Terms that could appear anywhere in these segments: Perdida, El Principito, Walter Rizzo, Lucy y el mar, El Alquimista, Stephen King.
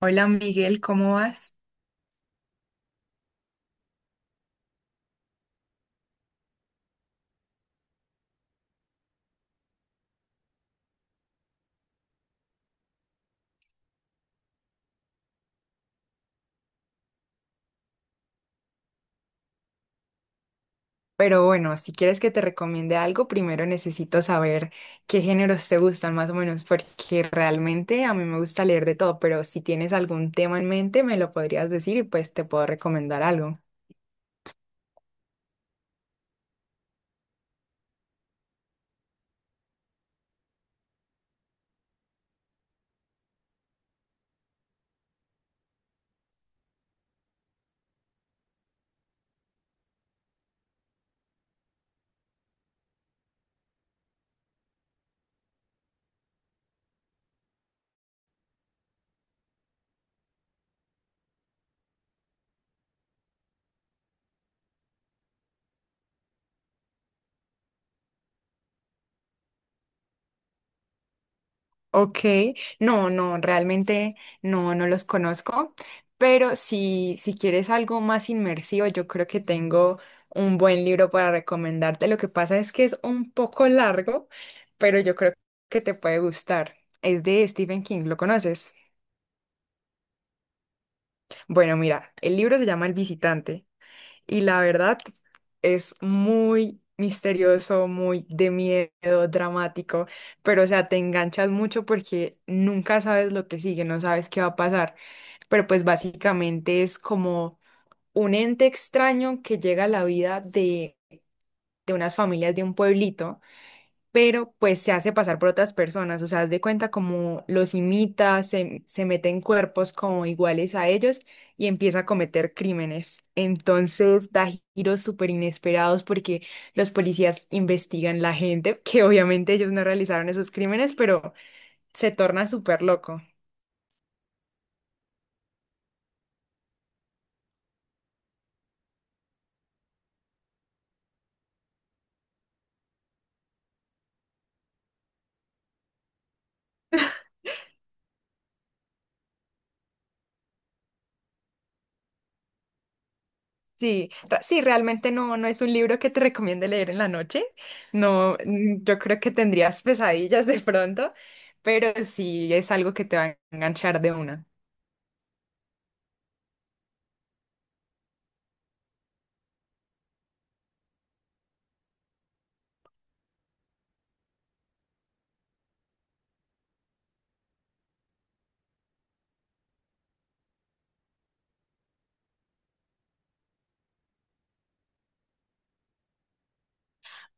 Hola Miguel, ¿cómo vas? Pero bueno, si quieres que te recomiende algo, primero necesito saber qué géneros te gustan más o menos, porque realmente a mí me gusta leer de todo, pero si tienes algún tema en mente, me lo podrías decir y pues te puedo recomendar algo. Ok, no, realmente no los conozco, pero si quieres algo más inmersivo, yo creo que tengo un buen libro para recomendarte. Lo que pasa es que es un poco largo, pero yo creo que te puede gustar. Es de Stephen King, ¿lo conoces? Bueno, mira, el libro se llama El visitante y la verdad es muy misterioso, muy de miedo, dramático, pero o sea, te enganchas mucho porque nunca sabes lo que sigue, no sabes qué va a pasar, pero pues básicamente es como un ente extraño que llega a la vida de unas familias de un pueblito, pero pues se hace pasar por otras personas, o sea, haz de cuenta como los imita, se mete en cuerpos como iguales a ellos y empieza a cometer crímenes. Entonces da giros súper inesperados porque los policías investigan la gente, que obviamente ellos no realizaron esos crímenes, pero se torna súper loco. Sí, realmente no, no es un libro que te recomiende leer en la noche. No, yo creo que tendrías pesadillas de pronto, pero sí es algo que te va a enganchar de una.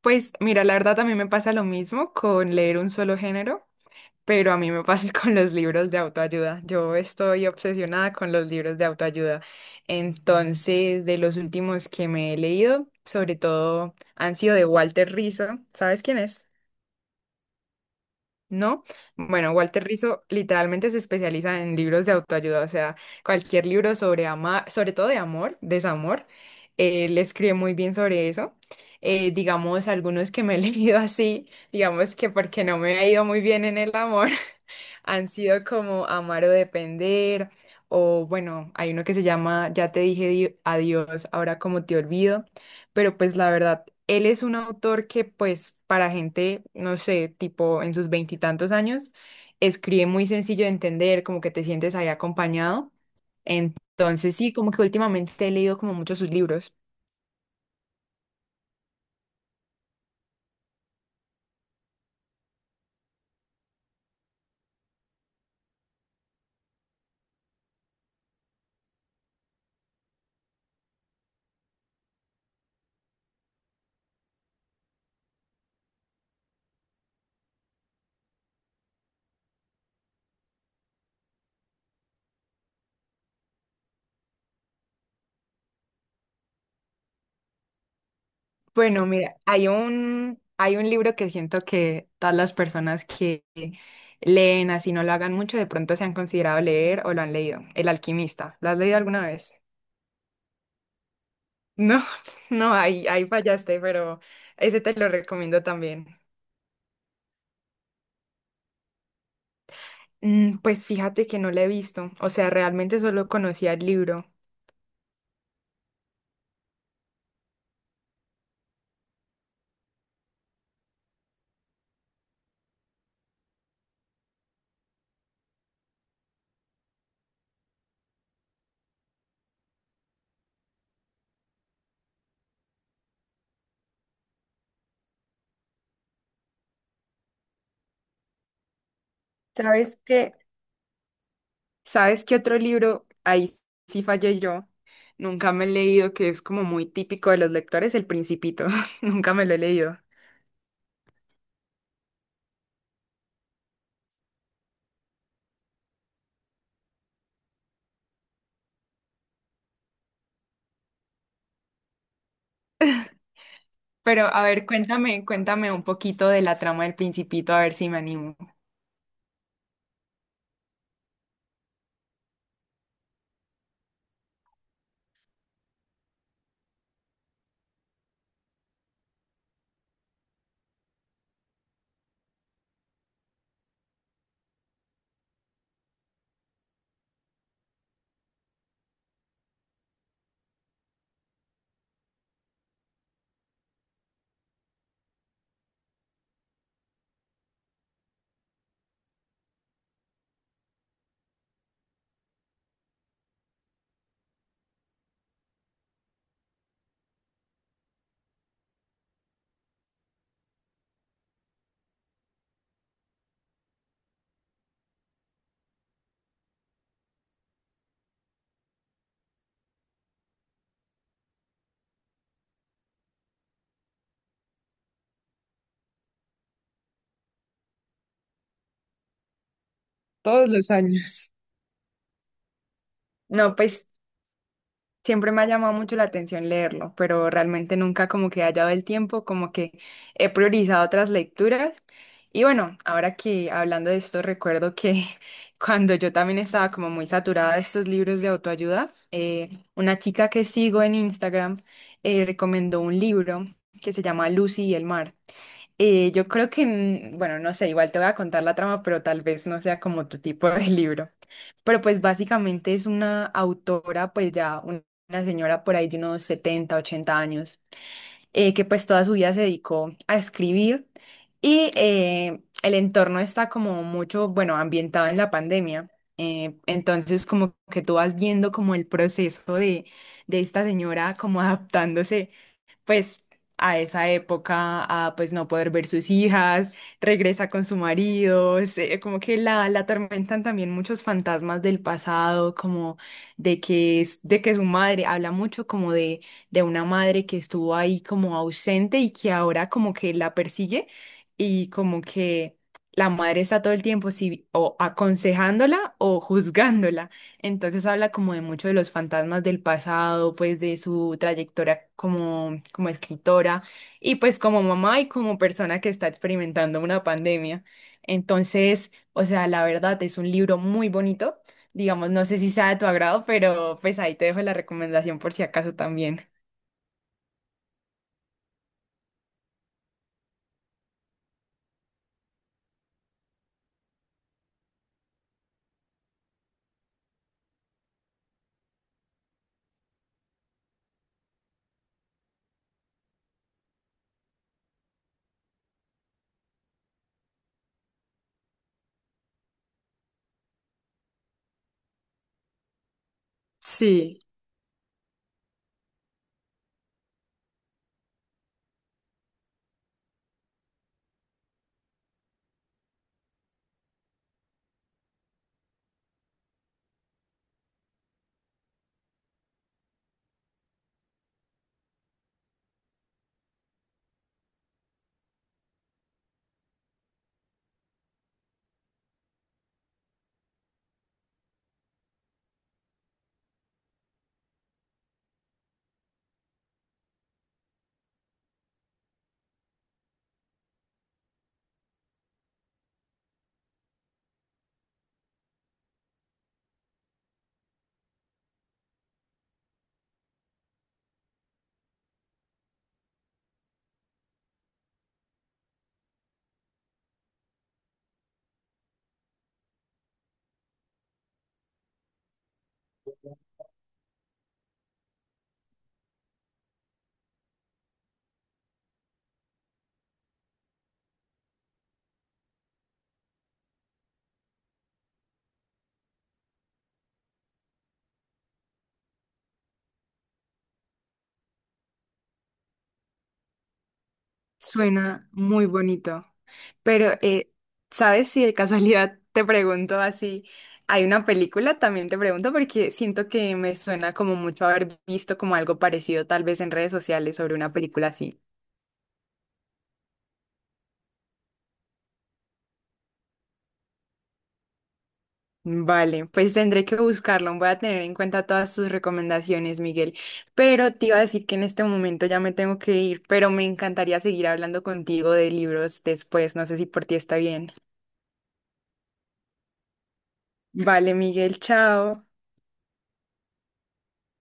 Pues mira, la verdad a mí me pasa lo mismo con leer un solo género, pero a mí me pasa con los libros de autoayuda. Yo estoy obsesionada con los libros de autoayuda. Entonces, de los últimos que me he leído, sobre todo han sido de Walter Rizzo. ¿Sabes quién es? ¿No? Bueno, Walter Rizzo literalmente se especializa en libros de autoayuda, o sea, cualquier libro sobre amar, sobre todo de amor, desamor, él escribe muy bien sobre eso. Digamos, algunos que me he leído así, digamos que porque no me ha ido muy bien en el amor, han sido como amar o depender, o bueno, hay uno que se llama Ya te dije adiós, ahora como te olvido, pero pues la verdad, él es un autor que pues para gente, no sé, tipo en sus veintitantos años, escribe muy sencillo de entender, como que te sientes ahí acompañado. Entonces sí, como que últimamente he leído como muchos sus libros. Bueno, mira, hay un libro que siento que todas las personas que leen así no lo hagan mucho, de pronto se han considerado leer o lo han leído. El Alquimista. ¿Lo has leído alguna vez? No, no, ahí fallaste, pero ese te lo recomiendo también. Pues fíjate que no lo he visto, o sea, realmente solo conocía el libro. ¿Sabes qué? ¿Sabes qué otro libro? Ahí sí fallé yo. Nunca me he leído, que es como muy típico de los lectores, El Principito. Nunca me lo he leído. Pero a ver, cuéntame, cuéntame un poquito de la trama del Principito, a ver si me animo. Todos los años. No, pues siempre me ha llamado mucho la atención leerlo, pero realmente nunca como que he hallado el tiempo, como que he priorizado otras lecturas. Y bueno, ahora que hablando de esto, recuerdo que cuando yo también estaba como muy saturada de estos libros de autoayuda, una chica que sigo en Instagram recomendó un libro que se llama Lucy y el mar. Yo creo que, mm, bueno, no sé, igual te voy a contar la trama, pero tal vez no sea como tu tipo de libro. Pero pues básicamente es una autora, pues ya una señora por ahí de unos 70 u 80 años, que pues toda su vida se dedicó a escribir y el entorno está como mucho, bueno, ambientado en la pandemia. Entonces como que tú vas viendo como el proceso de esta señora como adaptándose pues a esa época a pues no poder ver sus hijas, regresa con su marido, como que la atormentan también muchos fantasmas del pasado, como de de que su madre, habla mucho como de una madre que estuvo ahí como ausente y que ahora como que la persigue y como que... La madre está todo el tiempo sí, o aconsejándola o juzgándola. Entonces habla como de mucho de los fantasmas del pasado, pues de su trayectoria como, como escritora y pues como mamá y como persona que está experimentando una pandemia. Entonces, o sea, la verdad es un libro muy bonito. Digamos, no sé si sea de tu agrado, pero pues ahí te dejo la recomendación por si acaso también. Sí, suena muy bonito. Pero, ¿sabes si de casualidad te pregunto así? Hay una película, también te pregunto porque siento que me suena como mucho haber visto como algo parecido tal vez en redes sociales sobre una película así. Vale, pues tendré que buscarlo, voy a tener en cuenta todas sus recomendaciones, Miguel. Pero te iba a decir que en este momento ya me tengo que ir, pero me encantaría seguir hablando contigo de libros después, no sé si por ti está bien. Vale, Miguel, chao.